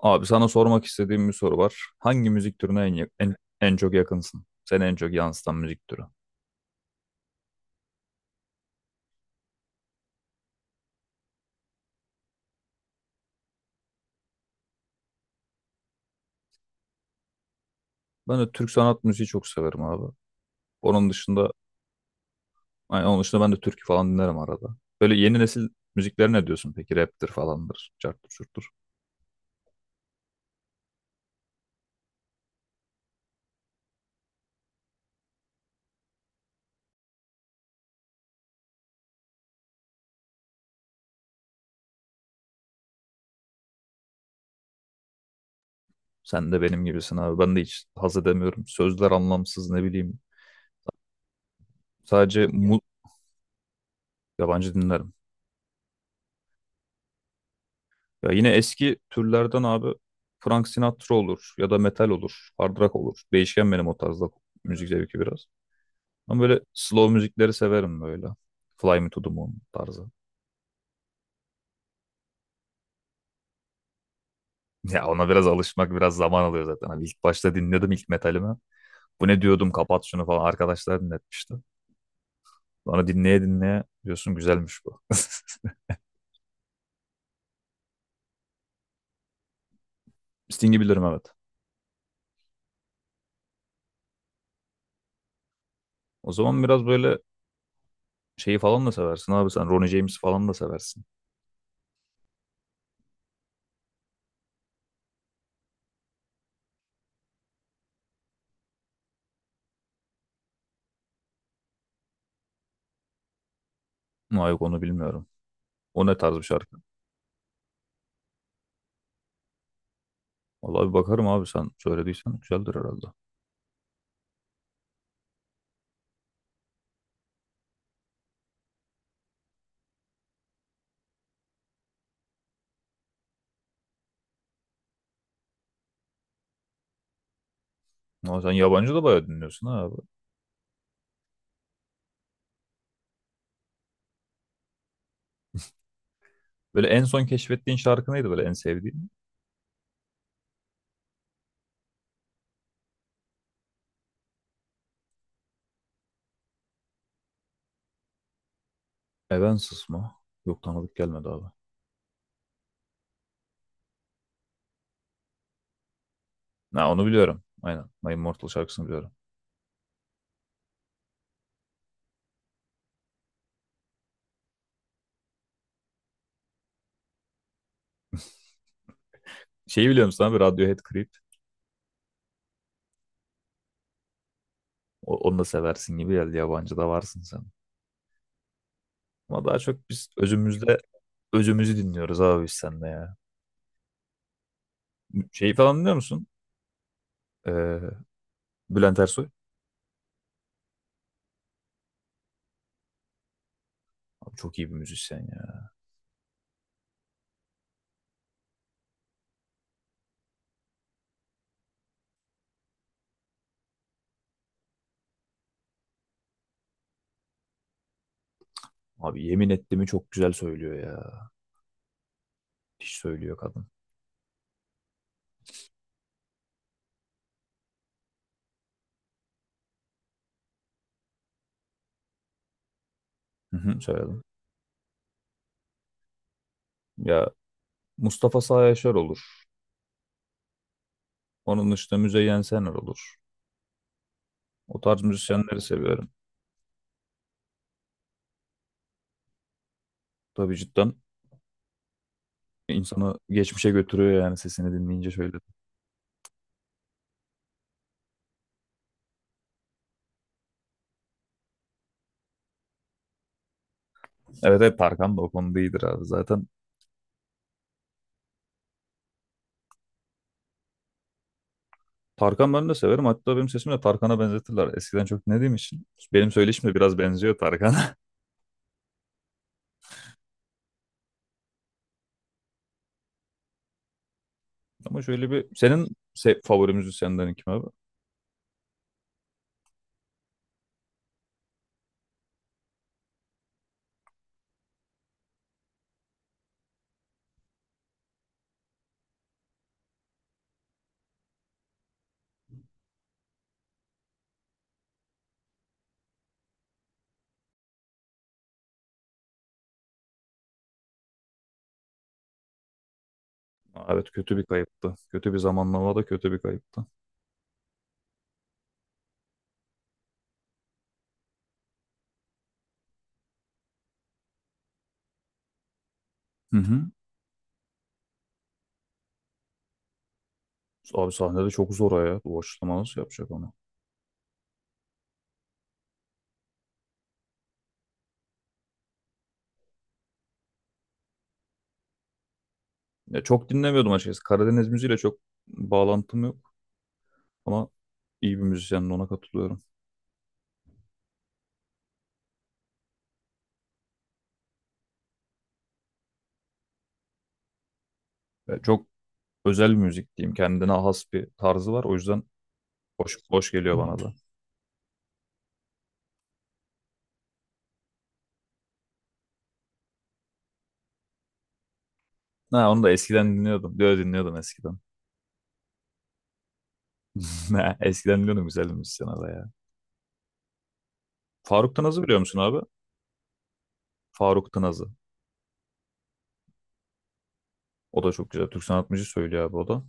Abi sana sormak istediğim bir soru var. Hangi müzik türüne en çok yakınsın? Seni en çok yansıtan müzik türü. Ben de Türk sanat müziği çok severim abi. Onun dışında, onun dışında ben de türkü falan dinlerim arada. Böyle yeni nesil müziklere ne diyorsun peki? Rap'tir falandır, carttır çurttur. Sen de benim gibisin abi. Ben de hiç haz edemiyorum. Sözler anlamsız ne bileyim. Sadece mu yabancı dinlerim. Ya yine eski türlerden abi Frank Sinatra olur ya da metal olur, hard rock olur. Değişken benim o tarzda müzik zevki biraz. Ama böyle slow müzikleri severim böyle. Fly Me to the Moon tarzı. Ya ona biraz alışmak biraz zaman alıyor zaten. Hani ilk başta dinledim ilk metalimi. Bu ne diyordum, kapat şunu falan, arkadaşlar dinletmişti. Sonra dinleye dinleye diyorsun güzelmiş bu. Sting'i bilirim, evet. O zaman biraz böyle şeyi falan da seversin abi sen. Ronnie James falan da seversin. Ama yok, onu bilmiyorum. O ne tarz bir şarkı? Vallahi bir bakarım abi, sen söylediysen güzeldir herhalde. Ama sen yabancı da bayağı dinliyorsun ha abi. Böyle en son keşfettiğin şarkı neydi böyle, en sevdiğin? Evanescence mı? Yok, tanıdık gelmedi abi. Ha, onu biliyorum. Aynen. My Immortal şarkısını biliyorum. Şeyi biliyor musun abi? Radiohead Creep. Onu da seversin gibi geldi. Yabancı da varsın sen. Ama daha çok biz özümüzde özümüzü dinliyoruz abi biz seninle ya. Şeyi falan biliyor musun? Ee, Bülent Ersoy. Abi çok iyi bir müzisyen ya. Abi yemin ettiğimi çok güzel söylüyor ya. Hiç söylüyor kadın. Hı hı, söyledim. Ya Mustafa Sağ Yaşar olur. Onun dışında Müzeyyen Senar olur. O tarz müzisyenleri seviyorum. Tabii, cidden İnsanı geçmişe götürüyor yani sesini dinleyince şöyle. Evet, evet, Tarkan da o konuda iyidir abi. Zaten Tarkan ben de severim. Hatta benim sesimi de Tarkan'a benzetirler. Eskiden çok dinlediğim için. Benim söyleşim de biraz benziyor Tarkan'a. Ama şöyle bir senin se favori müzisyenlerin kim abi? Aa, evet, kötü bir kayıptı. Kötü bir zamanlama da, kötü bir kayıptı. Hı hı. Abi sahnede çok zor o ya. Bu açıklama nasıl yapacak onu? Ya çok dinlemiyordum açıkçası. Karadeniz müziğiyle çok bağlantım yok. Ama iyi bir müzisyenin, ona katılıyorum. Ya çok özel müzik diyeyim. Kendine has bir tarzı var. O yüzden hoş, hoş geliyor bana da. Ha, onu da eskiden dinliyordum. Diyor dinliyordum eskiden. Ne, eskiden dinliyordum, güzel bir müzisyen o da ya. Faruk Tınaz'ı biliyor musun abi? Faruk Tınaz'ı. O da çok güzel. Türk sanat müziği söylüyor abi o da.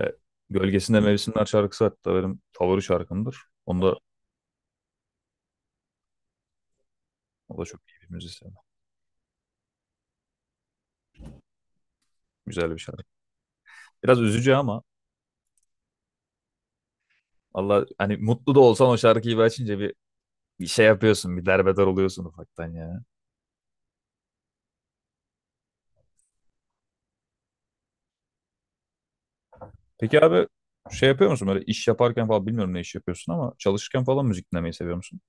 E, Gölgesinde Mevsimler şarkısı hatta benim favori şarkımdır. Onda o da çok iyi bir müzisyen. Güzel bir şarkı. Biraz üzücü ama Allah hani mutlu da olsan o şarkıyı bir açınca bir şey yapıyorsun. Bir derbeder oluyorsun ufaktan ya. Peki abi şey yapıyor musun böyle iş yaparken falan, bilmiyorum ne iş yapıyorsun ama çalışırken falan müzik dinlemeyi seviyor musun?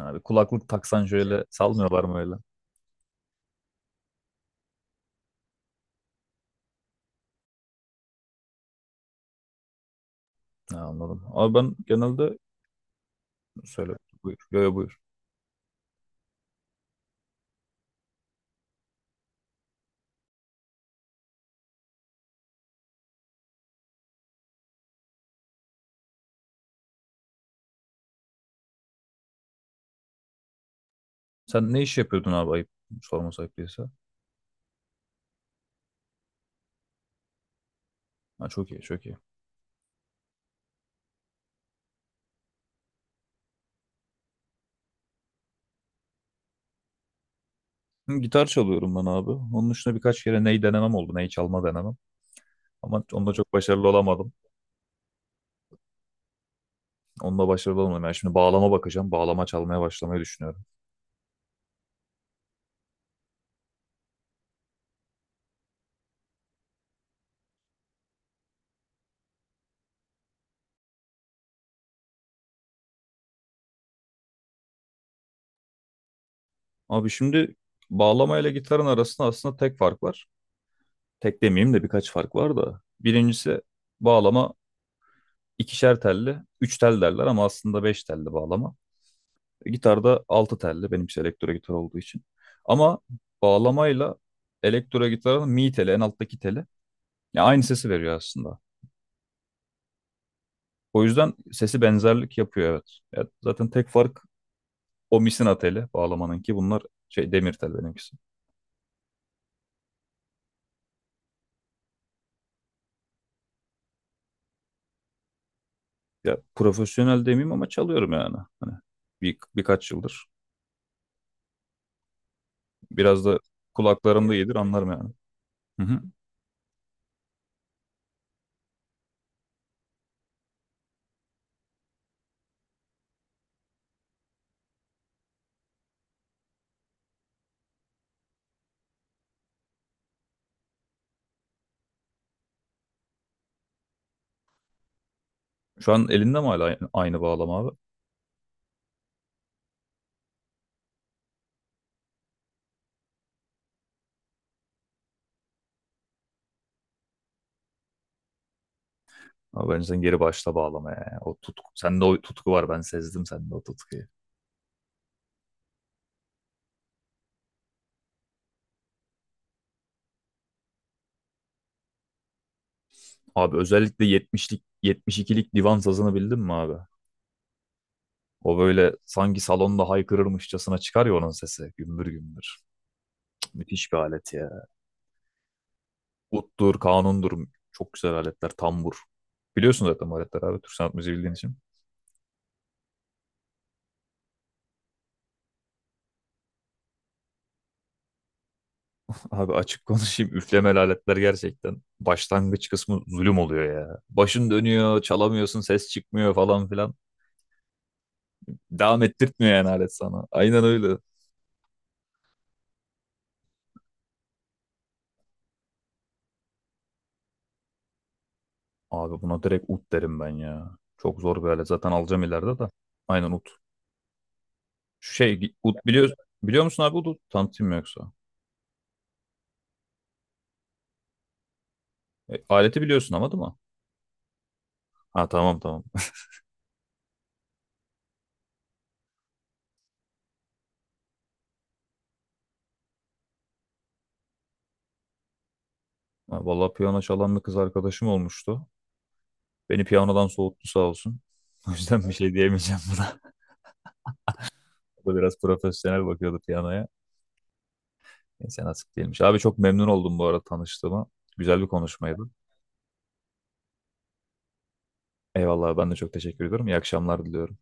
Abi kulaklık taksan şöyle salmıyorlar mı öyle? Ha, anladım. Abi ben genelde söyle buyur. Yo yo, buyur. Sen ne iş yapıyordun abi, ayıp sorması ayıp değilse. Ha, çok iyi, çok iyi. Hı, gitar çalıyorum ben abi. Onun dışında birkaç kere ney denemem oldu. Ney çalma denemem. Ama onda çok başarılı olamadım. Onunla başarılı olamadım. Yani şimdi bağlama bakacağım. Bağlama çalmaya başlamayı düşünüyorum. Abi şimdi bağlama ile gitarın arasında aslında tek fark var. Tek demeyeyim de, birkaç fark var da. Birincisi, bağlama ikişer telli, üç tel derler ama aslında beş telli bağlama. E, gitarda altı telli, benimki elektro gitar olduğu için. Ama bağlamayla elektro gitarın mi teli, en alttaki teli ya aynı sesi veriyor aslında. O yüzden sesi benzerlik yapıyor, evet. Ya zaten tek fark o misina teli bağlamanınki, bunlar şey, demir tel benimkisi. Ya profesyonel demeyeyim ama çalıyorum yani. Hani birkaç yıldır. Biraz da kulaklarım da iyidir, anlarım yani. Hı hı. Şu an elinde mi hala aynı, bağlama abi? Abi bence sen geri başla bağlamaya ya. O tutku, sende o tutku var, ben sezdim sende o tutkuyu. Abi özellikle 70'lik 72'lik divan sazını bildin mi abi? O böyle sanki salonda haykırırmışçasına çıkar ya, onun sesi gümbür gümbür. Cık, müthiş bir alet ya. Uttur, kanundur. Çok güzel aletler. Tambur. Biliyorsun zaten bu aletler abi. Türk sanat müziği bildiğin için. Abi açık konuşayım. Üflemeli aletler gerçekten başlangıç kısmı zulüm oluyor ya. Başın dönüyor, çalamıyorsun, ses çıkmıyor falan filan. Devam ettirtmiyor yani alet sana. Aynen öyle. Abi buna direkt ut derim ben ya. Çok zor bir alet. Zaten alacağım ileride de. Aynen, ut. Şu şey ut biliyor, biliyor musun abi ut? Tanıtayım mı yoksa? E, aleti biliyorsun ama değil mi? Ha, tamam tamam. Ha, vallahi piyano çalan bir kız arkadaşım olmuştu. Beni piyanodan soğuttu sağ olsun. O yüzden bir şey diyemeyeceğim buna. O da biraz profesyonel bakıyordu piyanoya. Neyse, nasip değilmiş. Abi çok memnun oldum bu arada tanıştığıma. Güzel bir konuşmaydı. Eyvallah, ben de çok teşekkür ediyorum. İyi akşamlar diliyorum.